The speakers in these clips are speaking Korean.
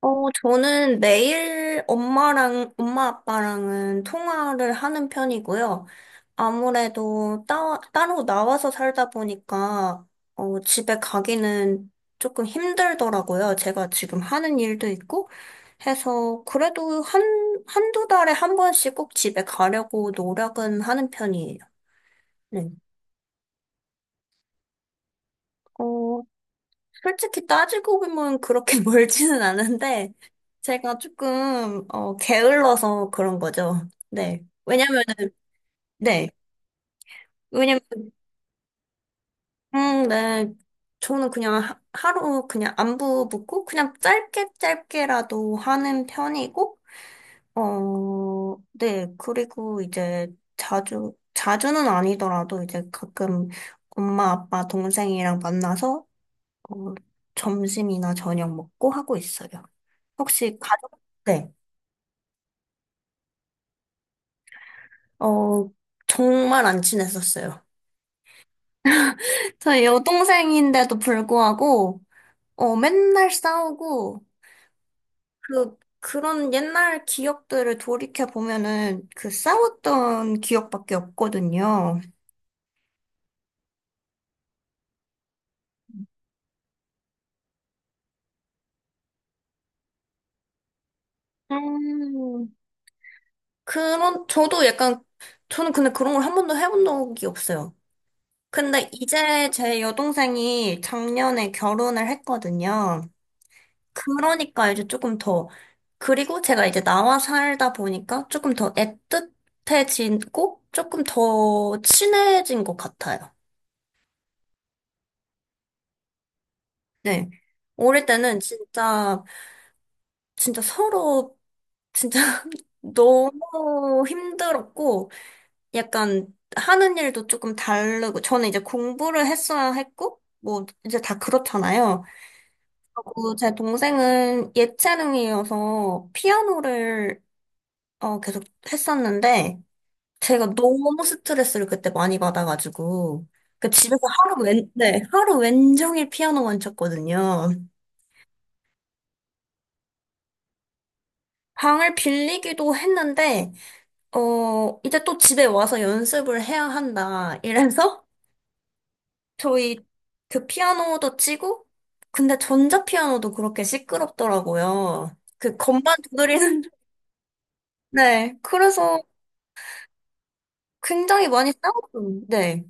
저는 매일 엄마 아빠랑은 통화를 하는 편이고요. 아무래도 따로 나와서 살다 보니까, 집에 가기는 조금 힘들더라고요. 제가 지금 하는 일도 있고 해서, 그래도 한두 달에 한 번씩 꼭 집에 가려고 노력은 하는 편이에요. 네. 솔직히 따지고 보면 그렇게 멀지는 않은데, 제가 조금, 게을러서 그런 거죠. 네. 왜냐면은, 네. 왜냐면, 네. 저는 그냥 하루 그냥 안부 묻고, 그냥 짧게 짧게라도 하는 편이고, 어, 네. 그리고 이제 자주는 아니더라도 이제 가끔 엄마, 아빠, 동생이랑 만나서 어, 점심이나 저녁 먹고 하고 있어요. 혹시 가족? 네. 어, 정말 안 친했었어요. 저희 여동생인데도 불구하고, 맨날 싸우고, 그런 옛날 기억들을 돌이켜 보면은 그 싸웠던 기억밖에 없거든요. 음, 그런, 저도 약간, 저는 근데 그런 걸 한 번도 해본 적이 없어요. 근데 이제 제 여동생이 작년에 결혼을 했거든요. 그러니까 이제 조금 더, 그리고 제가 이제 나와 살다 보니까 조금 더 애틋해지고 조금 더 친해진 것 같아요. 네. 어릴 때는 진짜, 진짜 서로, 진짜 너무 힘들었고, 약간 하는 일도 조금 다르고, 저는 이제 공부를 했어야 했고, 뭐, 이제 다 그렇잖아요. 그리고 제 동생은 예체능이어서 피아노를 계속 했었는데, 제가 너무 스트레스를 그때 많이 받아가지고, 그 집에서 네, 하루 웬종일 피아노만 쳤거든요. 방을 빌리기도 했는데, 이제 또 집에 와서 연습을 해야 한다. 이래서 저희 그 피아노도 치고, 근데 전자피아노도 그렇게 시끄럽더라고요. 그 건반 두드리는, 네. 그래서 굉장히 많이 싸웠어요. 네.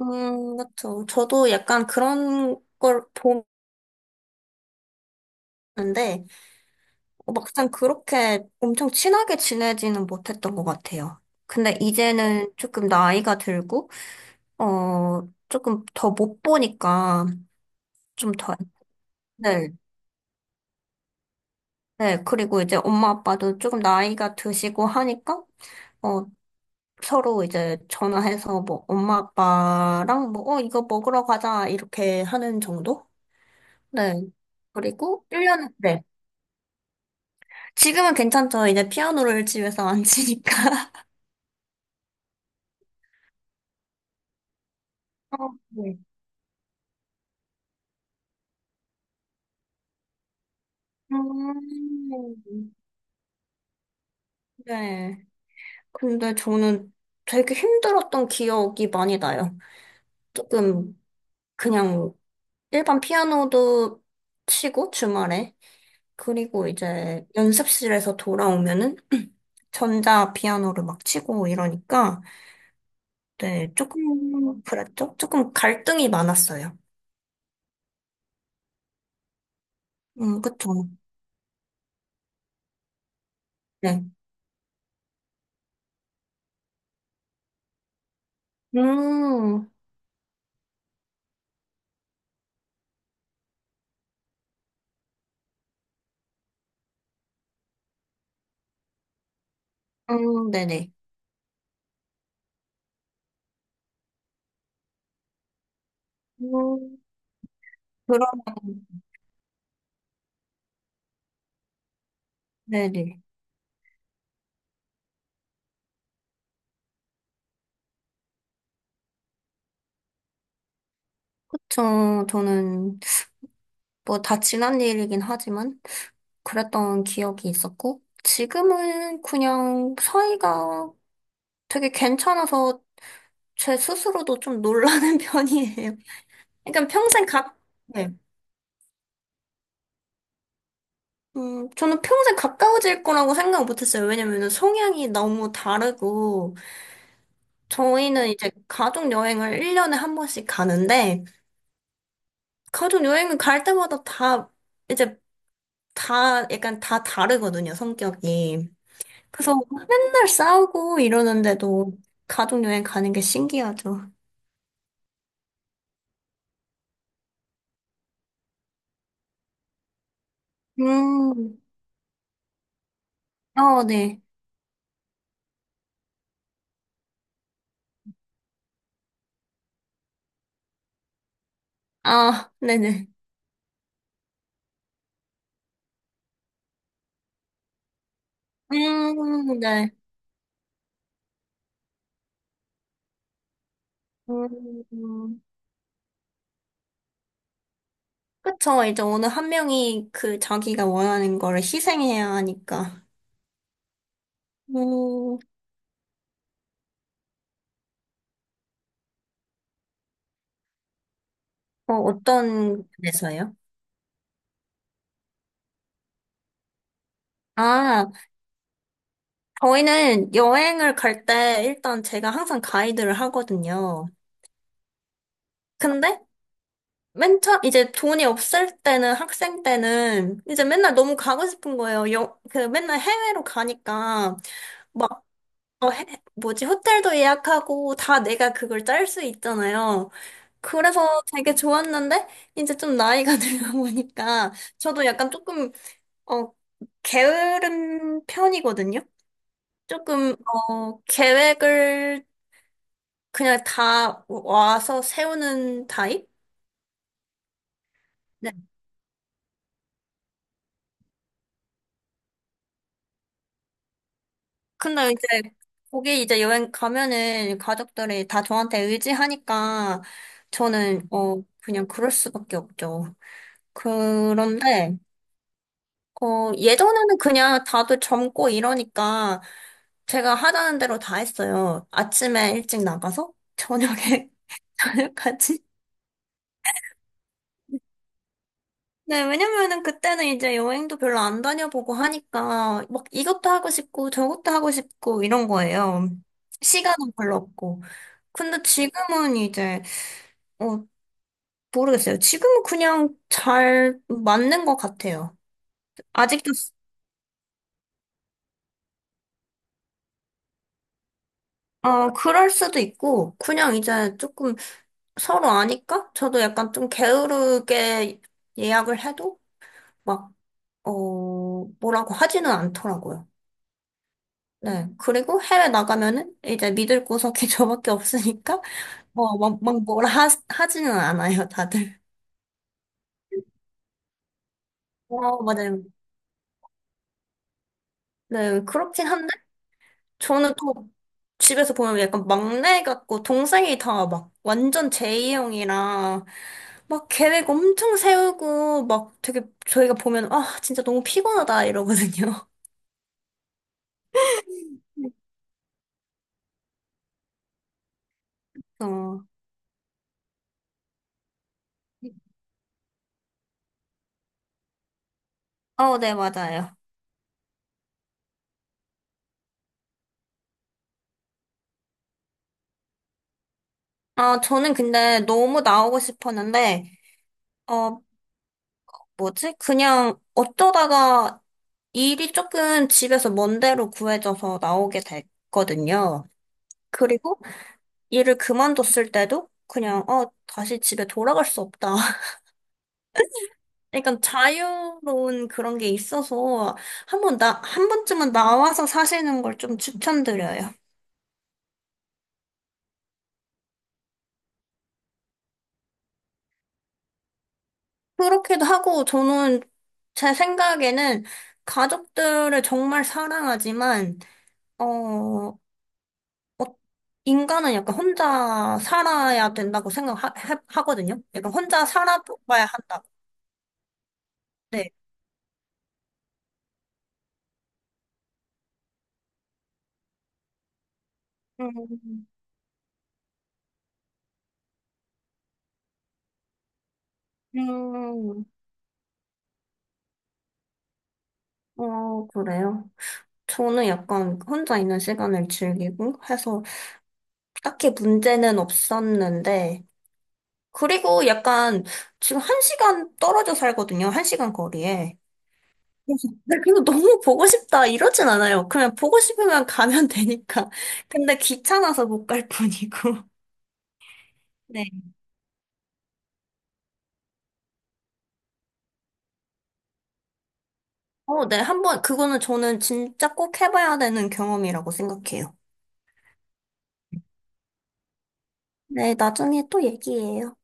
그렇죠. 저도 약간 그런 걸 보는데, 막상 그렇게 엄청 친하게 지내지는 못했던 것 같아요. 근데 이제는 조금 나이가 들고, 조금 더 못 보니까 좀 더, 네, 네. 그리고 이제 엄마 아빠도 조금 나이가 드시고 하니까, 어, 서로 이제 전화해서 뭐 엄마 아빠랑 뭐, 이거 먹으러 가자, 이렇게 하는 정도? 네. 그리고 일 년에 네. 지금은 괜찮죠. 이제 피아노를 집에서 안 치니까. 어, 네. 음, 네. 근데 저는 되게 힘들었던 기억이 많이 나요. 조금 그냥 일반 피아노도 치고 주말에 그리고 이제 연습실에서 돌아오면은 전자 피아노를 막 치고 이러니까 네, 조금 그랬죠? 조금 갈등이 많았어요. 그쵸. 네. 음, 네네. 음, 그러면, 네네. 그쵸. 저는 뭐 다 지난 일이긴 하지만 그랬던 기억이 있었고, 지금은 그냥 사이가 되게 괜찮아서 제 스스로도 좀 놀라는 편이에요. 그러니까 평생 가, 네. 저는 평생 가까워질 거라고 생각 못 했어요. 왜냐면은 성향이 너무 다르고, 저희는 이제 가족 여행을 1년에 한 번씩 가는데, 가족 여행을 갈 때마다 다, 이제 다, 약간 다 다르거든요, 성격이. 그래서 맨날 싸우고 이러는데도 가족여행 가는 게 신기하죠. 음, 어, 네. 아, 네네. 네. 음, 그쵸. 이제 어느 한 명이 그 자기가 원하는 거를 희생해야 하니까. 음, 어떤 데서요? 아, 저희는 여행을 갈 때 일단 제가 항상 가이드를 하거든요. 근데 맨 처음, 이제 돈이 없을 때는, 학생 때는, 이제 맨날 너무 가고 싶은 거예요. 여, 그, 맨날 해외로 가니까, 막, 어, 해, 뭐지, 호텔도 예약하고, 다 내가 그걸 짤 수 있잖아요. 그래서 되게 좋았는데, 이제 좀 나이가 들다 보니까, 저도 약간 조금, 어, 게으른 편이거든요? 조금, 계획을 그냥 다 와서 세우는 타입? 근데 이제 거기 이제 여행 가면은 가족들이 다 저한테 의지하니까 저는 그냥 그럴 수밖에 없죠. 그런데 예전에는 그냥 다들 젊고 이러니까 제가 하자는 대로 다 했어요. 아침에 일찍 나가서 저녁에 저녁까지. 네, 왜냐면은 그때는 이제 여행도 별로 안 다녀보고 하니까 막 이것도 하고 싶고 저것도 하고 싶고 이런 거예요. 시간은 별로 없고. 근데 지금은 이제, 어, 모르겠어요. 지금은 그냥 잘 맞는 것 같아요. 아직도, 그럴 수도 있고, 그냥 이제 조금 서로 아니까? 저도 약간 좀 게으르게 예약을 해도 막, 어, 뭐라고 하지는 않더라고요. 네. 그리고 해외 나가면은 이제 믿을 구석이 저밖에 없으니까, 막, 막 뭐라 하지는 않아요, 다들. 맞아요. 네, 그렇긴 한데, 저는 또 집에서 보면 약간 막내 같고 동생이 다 막 완전 제이형이라 막 계획 엄청 세우고 막 되게 저희가 보면 아 진짜 너무 피곤하다 이러거든요. 어, 어, 네, 맞아요. 아, 저는 근데 너무 나오고 싶었는데, 어, 뭐지? 그냥 어쩌다가 일이 조금 집에서 먼 데로 구해져서 나오게 됐거든요. 그리고 일을 그만뒀을 때도 그냥, 다시 집에 돌아갈 수 없다. 약간 자유로운 그런 게 있어서 한 번쯤은 나와서 사시는 걸 좀 추천드려요. 그렇게도 하고 저는 제 생각에는 가족들을 정말 사랑하지만, 어, 어, 인간은 약간 혼자 살아야 된다고 생각하거든요. 약간 혼자 살아봐야 한다고. 네. 음, 음, 그래요. 저는 약간 혼자 있는 시간을 즐기고 해서 딱히 문제는 없었는데, 그리고 약간 지금 1시간 떨어져 살거든요. 1시간 거리에. 그래서 근데 그거 너무 보고 싶다 이러진 않아요. 그냥 보고 싶으면 가면 되니까. 근데 귀찮아서 못 갈 뿐이고. 네. 어, 네. 한번 그거는 저는 진짜 꼭 해봐야 되는 경험이라고 생각해요. 네, 나중에 또 얘기해요.